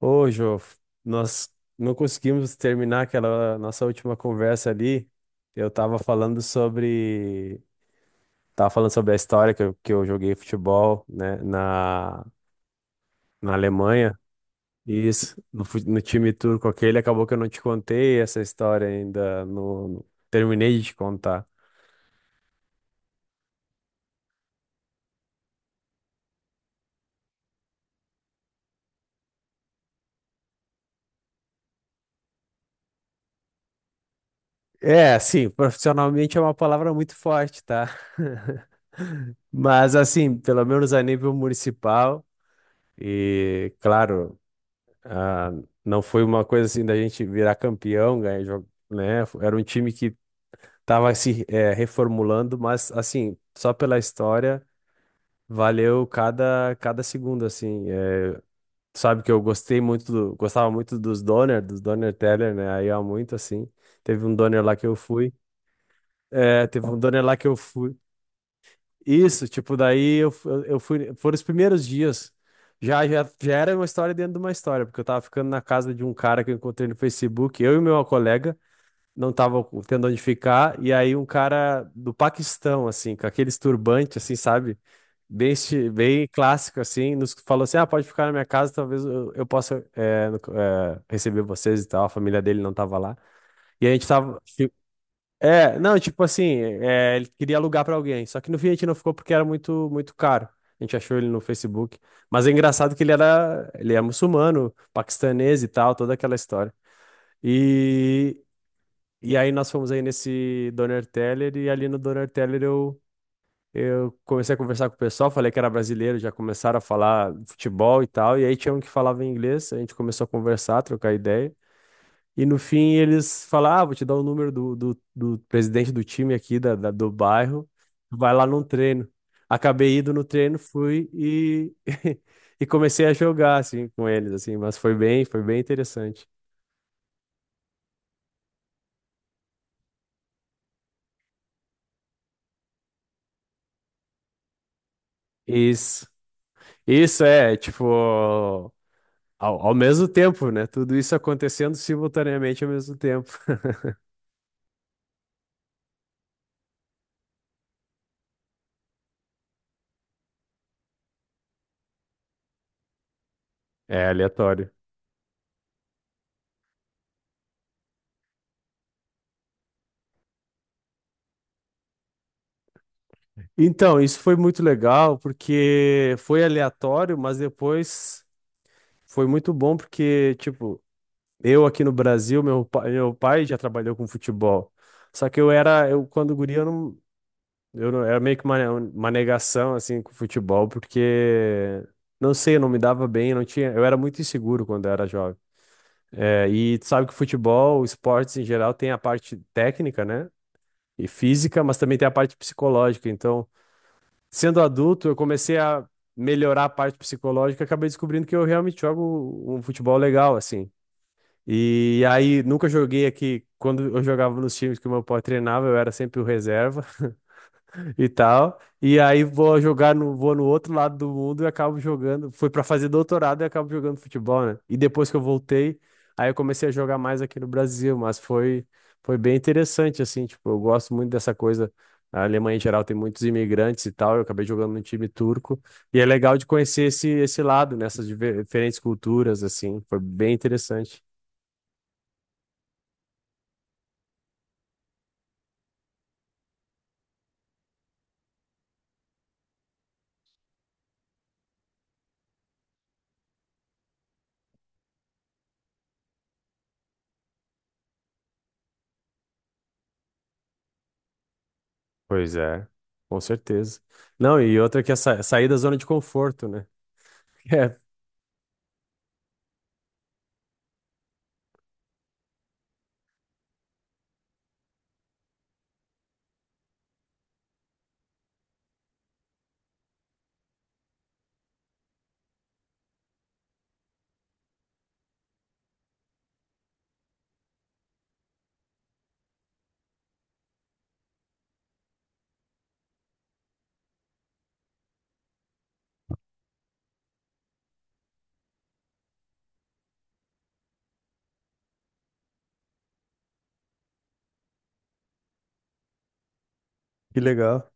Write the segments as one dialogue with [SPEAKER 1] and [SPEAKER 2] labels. [SPEAKER 1] Ô, Jô, nós não conseguimos terminar aquela nossa última conversa ali. Eu tava falando sobre a história que eu joguei futebol, né, na Alemanha. E isso, no time turco aquele, acabou que eu não te contei essa história ainda, não terminei de te contar. É, assim, profissionalmente é uma palavra muito forte, tá? Mas assim, pelo menos a nível municipal e, claro. Ah, não foi uma coisa assim da gente virar campeão, ganhar jogo, né? Era um time que tava se reformulando, mas assim, só pela história, valeu cada segundo, assim. Sabe que eu gostei muito, gostava muito dos Donner Teller, né? Aí há muito, assim. Teve um Donner lá que eu fui. Teve um Donner lá que eu fui. Isso, tipo, daí eu fui. Foram os primeiros dias. Já era uma história dentro de uma história, porque eu tava ficando na casa de um cara que eu encontrei no Facebook, eu e meu colega, não tava tendo onde ficar, e aí um cara do Paquistão, assim, com aqueles turbantes, assim, sabe? Bem, bem clássico, assim, nos falou assim: ah, pode ficar na minha casa, eu possa receber vocês e tal. A família dele não tava lá. E a gente tava. É, não, tipo assim, é, ele queria alugar pra alguém, só que no fim a gente não ficou porque era muito muito caro. A gente achou ele no Facebook, mas é engraçado que ele é muçulmano, paquistanês e tal, toda aquela história. E e aí nós fomos aí nesse Doner Teller e ali no Doner Teller eu comecei a conversar com o pessoal, falei que era brasileiro, já começaram a falar futebol e tal, e aí tinha um que falava inglês, a gente começou a conversar, trocar ideia. E no fim eles falam, ah, vou te dar o número do presidente do time aqui do bairro, vai lá num treino. Acabei indo no treino, fui e, e comecei a jogar, assim, com eles, assim, mas foi bem interessante. Isso, isso é, tipo, ao, ao mesmo tempo, né? Tudo isso acontecendo simultaneamente ao mesmo tempo. É aleatório. Então, isso foi muito legal porque foi aleatório, mas depois foi muito bom porque, tipo, eu aqui no Brasil, meu pai já trabalhou com futebol. Só que eu quando guri, eu não- era meio que uma negação assim com futebol, porque não sei, eu não me dava bem, não tinha, eu era muito inseguro quando eu era jovem. É, e tu sabe que futebol, esportes em geral, tem a parte técnica, né? E física, mas também tem a parte psicológica. Então, sendo adulto, eu comecei a melhorar a parte psicológica, e acabei descobrindo que eu realmente jogo um futebol legal, assim. E aí nunca joguei aqui. Quando eu jogava nos times que o meu pai treinava, eu era sempre o reserva e tal. E aí vou no outro lado do mundo e acabo jogando. Fui para fazer doutorado e acabo jogando futebol, né? E depois que eu voltei, aí eu comecei a jogar mais aqui no Brasil, mas foi bem interessante assim, tipo, eu gosto muito dessa coisa. A Alemanha em geral tem muitos imigrantes e tal. Eu acabei jogando no time turco e é legal de conhecer esse lado, nessas diferentes culturas assim. Foi bem interessante. Pois é, com certeza. Não, e outra que é sair da zona de conforto, né? É. Que legal,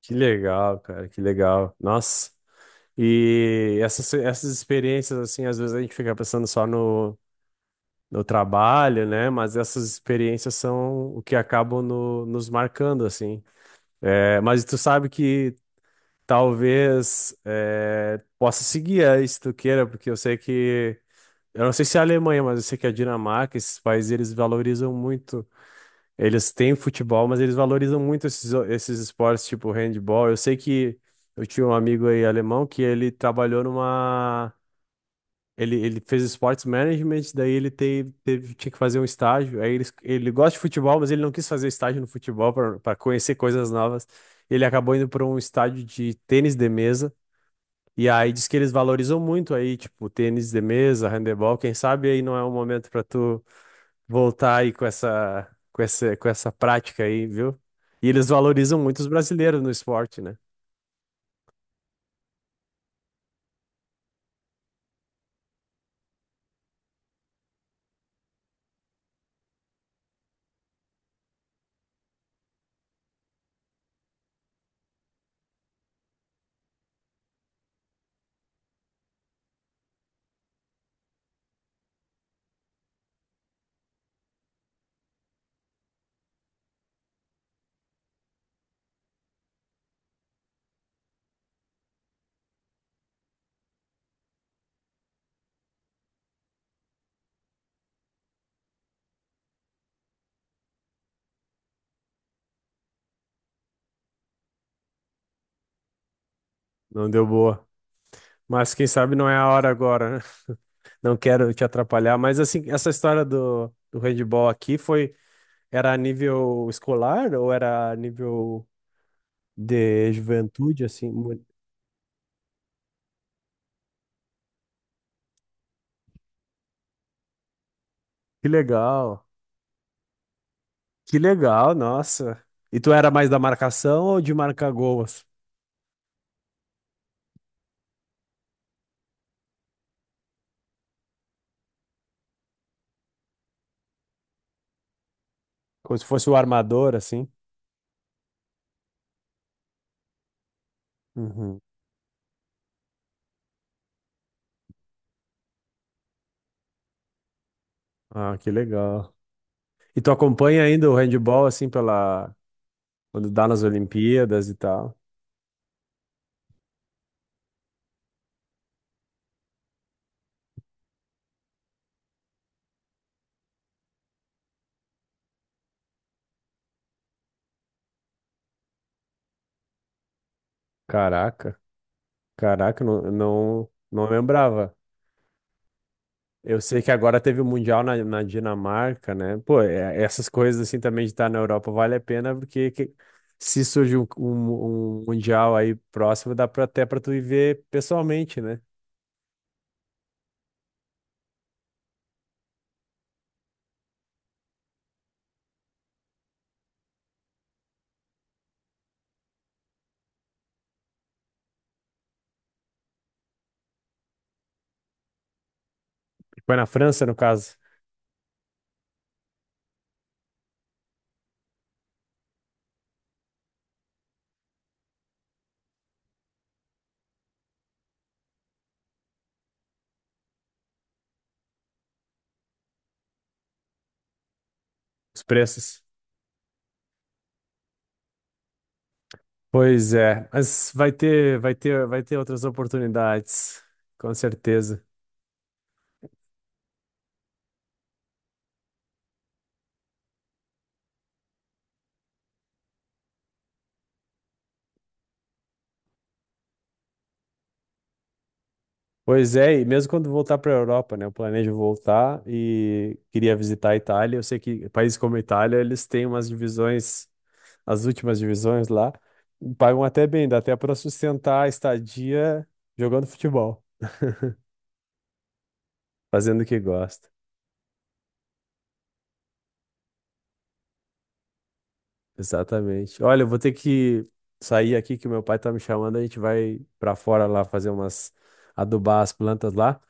[SPEAKER 1] que legal, cara, que legal. Nossa, e essas experiências, assim, às vezes a gente fica pensando só no trabalho, né? Mas essas experiências são o que acabam nos marcando, assim. É, mas tu sabe que possa seguir aí, se tu queira, porque eu sei que. Eu não sei se é a Alemanha, mas eu sei que a Dinamarca, esses países, eles valorizam muito. Eles têm futebol, mas eles valorizam muito esses esportes tipo handball. Eu sei que eu tinha um amigo aí alemão que ele trabalhou numa. Ele fez esportes management, daí ele tinha que fazer um estágio. Aí ele gosta de futebol, mas ele não quis fazer estágio no futebol para conhecer coisas novas. Ele acabou indo para um estádio de tênis de mesa. E aí diz que eles valorizam muito aí, tipo, tênis de mesa, handebol. Quem sabe aí não é o momento para tu voltar aí com essa prática aí, viu? E eles valorizam muito os brasileiros no esporte, né? Não deu boa. Mas quem sabe não é a hora agora, né? Não quero te atrapalhar, mas assim, essa história do handball aqui foi, era a nível escolar ou era a nível de juventude, assim? Que legal, que legal, nossa. E tu era mais da marcação ou de marcar gols? Como se fosse o armador, assim? Uhum. Ah, que legal. E tu acompanha ainda o handball, assim, pela... quando dá nas Olimpíadas e tal? Caraca, caraca, não lembrava. Eu sei que agora teve o Mundial na Dinamarca, né? Pô, essas coisas assim também de estar na Europa vale a pena, porque se surge um Mundial aí próximo, dá pra, até pra tu ir ver pessoalmente, né? Foi na França, no caso, os preços. Pois é, mas vai ter outras oportunidades, com certeza. Pois é, e mesmo quando voltar para a Europa, né? Eu planejo voltar e queria visitar a Itália. Eu sei que países como a Itália, eles têm umas divisões, as últimas divisões lá, e pagam até bem, dá até para sustentar a estadia jogando futebol, fazendo o que gosta. Exatamente. Olha, eu vou ter que sair aqui que meu pai tá me chamando, a gente vai para fora lá fazer umas adubar as plantas lá.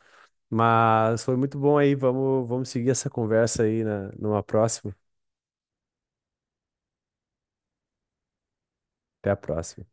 [SPEAKER 1] Mas foi muito bom aí. Vamos, vamos seguir essa conversa aí na, numa próxima. Até a próxima.